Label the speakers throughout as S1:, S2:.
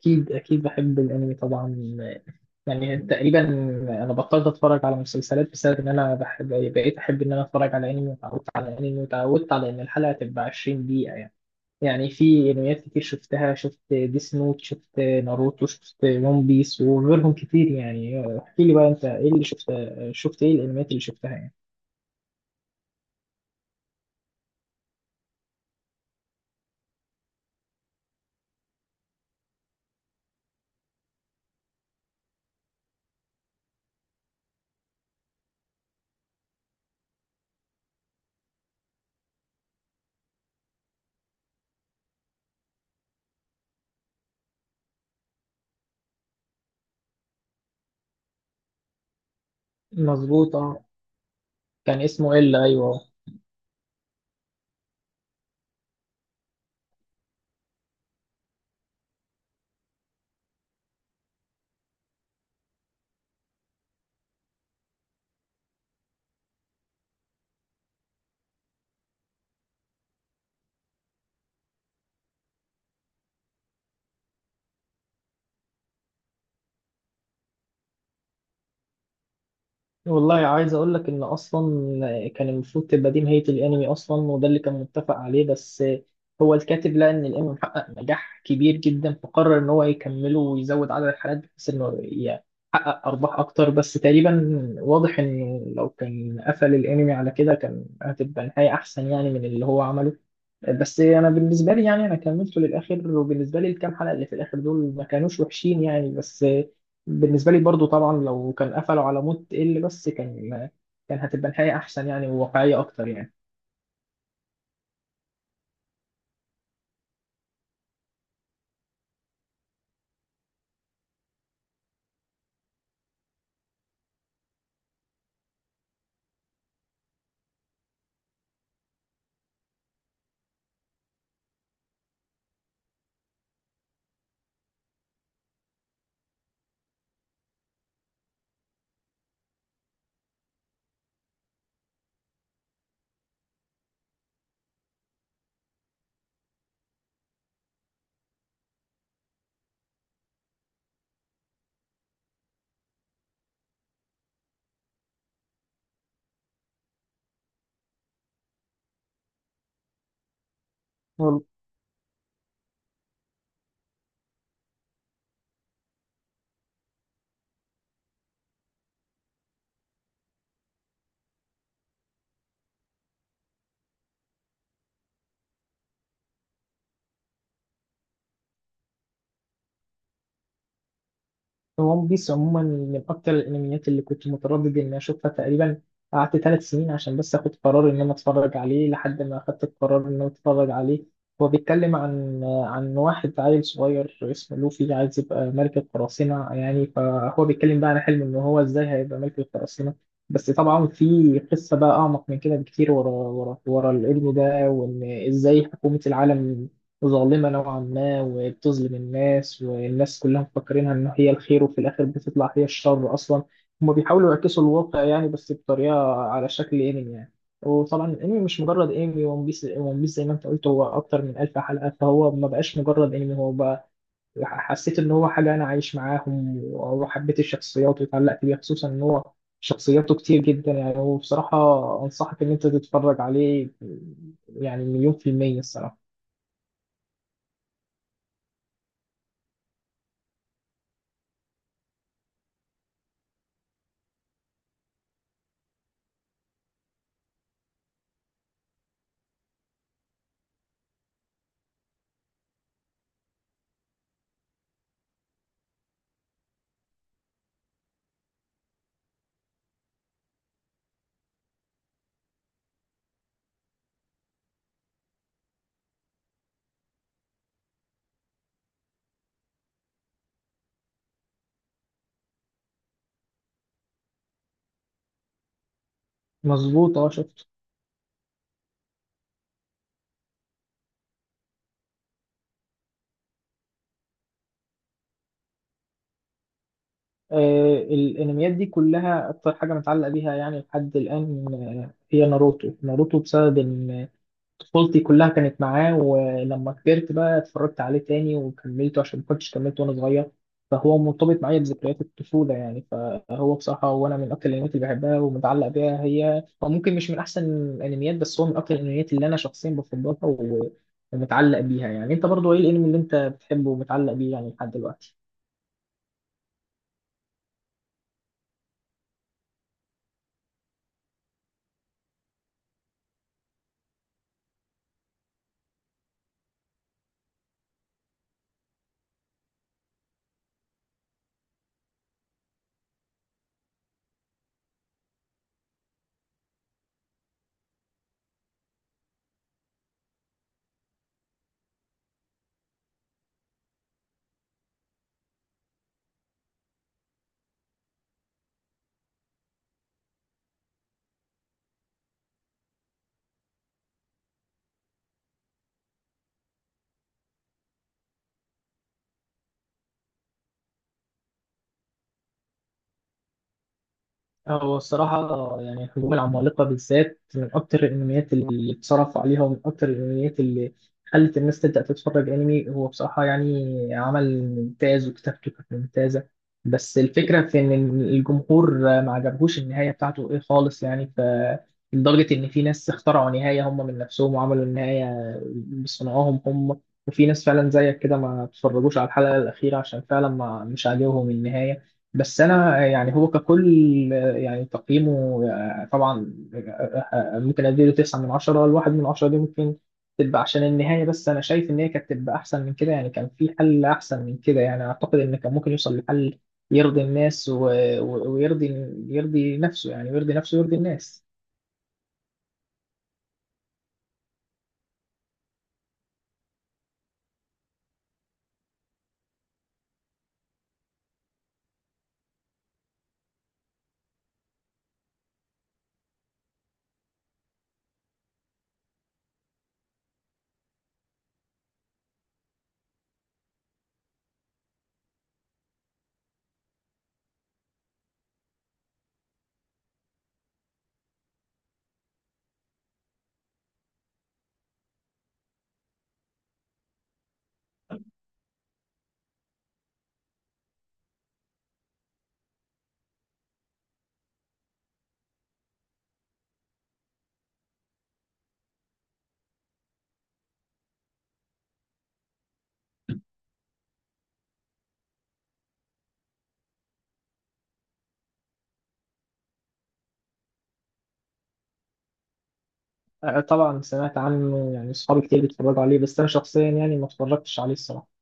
S1: أكيد أكيد، بحب الأنمي طبعا. يعني تقريبا أنا بطلت أتفرج على مسلسلات بسبب إن أنا بقيت أحب إن أنا أتفرج على أنمي، وتعودت على الأنمي وتعودت على إن الحلقة تبقى 20 دقيقة. يعني في أنميات كتير شفتها، شفت ديس نوت، شفت ناروتو، شفت ون بيس وغيرهم كتير يعني. احكي لي بقى، أنت إيه اللي شفت، شفت إيه الأنميات اللي شفتها يعني؟ مظبوطة. كان اسمه إلا، أيوه. والله عايز اقول لك ان اصلا كان المفروض تبقى دي نهايه الانمي اصلا، وده اللي كان متفق عليه. بس هو الكاتب لقى ان الانمي محقق نجاح كبير جدا، فقرر ان هو يكمله ويزود عدد الحلقات بحيث انه يحقق ارباح اكتر. بس تقريبا واضح ان لو كان قفل الانمي على كده كان هتبقى نهايه احسن يعني، من اللي هو عمله. بس انا بالنسبه لي يعني انا كملته للاخر، وبالنسبه لي الكام حلقه اللي في الاخر دول ما كانوش وحشين يعني. بس بالنسبه لي برضو طبعا لو كان قفلوا على موت ال بس، كان هتبقى نهايه احسن يعني، وواقعيه اكتر يعني. ون بيس عموما من اكتر الانميات اللي كنت متردد اني اشوفها. تقريبا قعدت 3 سنين عشان بس اخد قرار ان انا اتفرج عليه، لحد ما اخدت القرار ان انا اتفرج عليه. هو بيتكلم عن واحد عيل صغير اسمه لوفي عايز يبقى ملك القراصنة يعني، فهو بيتكلم بقى عن حلمه ان هو ازاي هيبقى ملك القراصنة. بس طبعا في قصة بقى اعمق من كده بكتير، ورا ورا ورا الابن ده، وان ازاي حكومة العالم ظالمة نوعا ما، وبتظلم الناس، والناس كلها مفكرينها إن هي الخير، وفي الآخر بتطلع هي الشر أصلا. هما بيحاولوا يعكسوا الواقع يعني، بس بطريقة على شكل أنمي يعني. وطبعا الأنمي مش مجرد أنمي، ون بيس ون بيس زي ما أنت قلت هو أكتر من 1000 حلقة، فهو ما بقاش مجرد أنمي، هو بقى حسيت إن هو حاجة أنا عايش معاهم، وحبيت الشخصيات واتعلقت بيها، خصوصا إن هو شخصياته كتير جدا يعني. هو بصراحة أنصحك إن أنت تتفرج عليه، يعني مليون في المية الصراحة. مظبوط، اه شفت. آه، الانميات دي كلها اكتر حاجه متعلقه بيها يعني لحد الان، هي ناروتو. ناروتو بسبب ان طفولتي كلها كانت معاه، ولما كبرت بقى اتفرجت عليه تاني وكملته عشان ما كنتش كملته وانا صغير. فهو مرتبط معايا بذكريات الطفوله يعني، فهو بصراحه وانا من اكتر الانميات اللي بحبها ومتعلق بيها. هي هو ممكن مش من احسن الانميات، بس هو من اكتر الانميات اللي انا شخصيا بفضلها ومتعلق بيها يعني. انت برضو ايه الانمي اللي انت بتحبه ومتعلق بيه يعني لحد دلوقتي؟ هو الصراحة يعني الهجوم العمالقة بالذات من أكتر الأنميات اللي اتصرف عليها، ومن أكتر الأنميات اللي خلت الناس تبدأ تتفرج أنمي. هو بصراحة يعني عمل ممتاز، وكتابته كانت ممتازة. بس الفكرة في إن الجمهور ما عجبهوش النهاية بتاعته إيه خالص يعني، ف لدرجة إن في ناس اخترعوا نهاية هم من نفسهم، وعملوا النهاية بصنعهم هم. وفي ناس فعلا زيك كده ما اتفرجوش على الحلقة الأخيرة عشان فعلا ما مش عاجبهم النهاية. بس انا يعني هو ككل يعني تقييمه طبعا ممكن اديله 9 من 10. الواحد من عشرة دي ممكن تبقى عشان النهاية. بس أنا شايف إن هي كانت تبقى أحسن من كده يعني، كان في حل أحسن من كده يعني. أعتقد إن كان ممكن يوصل لحل يرضي الناس ويرضي، يرضي نفسه يعني، ويرضي نفسه ويرضي الناس. آه، طبعا سمعت عنه، يعني أصحابي كتير بيتفرجوا عليه، بس أنا شخصيا يعني ما اتفرجتش عليه الصراحة.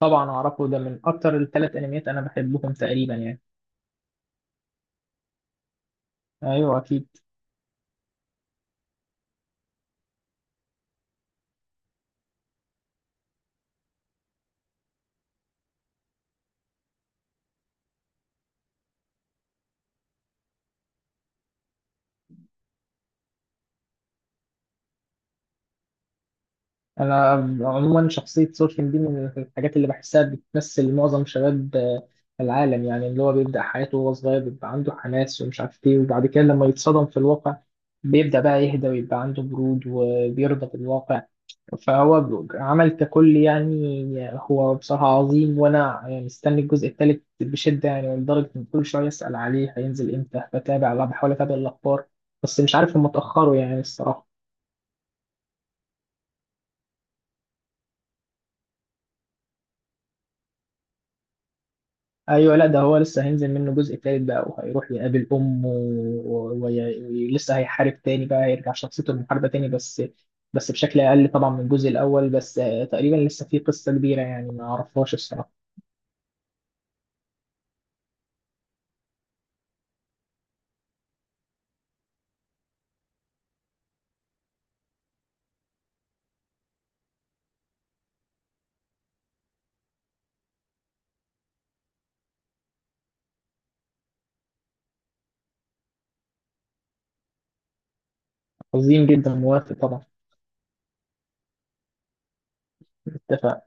S1: طبعا أعرفه، ده من أكتر الـ3 أنميات أنا بحبهم تقريبا يعني. أيوه أكيد. انا عموما شخصيه سورفين دي من الحاجات اللي بحسها بتمثل معظم شباب العالم يعني، اللي هو بيبدا حياته وهو صغير، بيبقى عنده حماس ومش عارف ايه، وبعد كده لما يتصدم في الواقع بيبدا بقى يهدى ويبقى عنده برود وبيرضى بالواقع. فهو عمل ككل يعني، هو بصراحه عظيم. وانا يعني مستني الجزء الثالث بشده، يعني لدرجه ان كل شويه اسال عليه هينزل امتى، بتابع، بحاول اتابع الاخبار، بس مش عارف، هم اتاخروا يعني الصراحه. ايوه، لا ده هو لسه هينزل منه جزء تالت بقى، وهيروح يقابل امه ولسه هيحارب تاني بقى، هيرجع شخصيته المحاربه تاني. بس بشكل اقل طبعا من الجزء الاول، بس تقريبا لسه في قصه كبيره يعني ما اعرفهاش الصراحه. عظيم جدا، موافق طبعا. اتفق.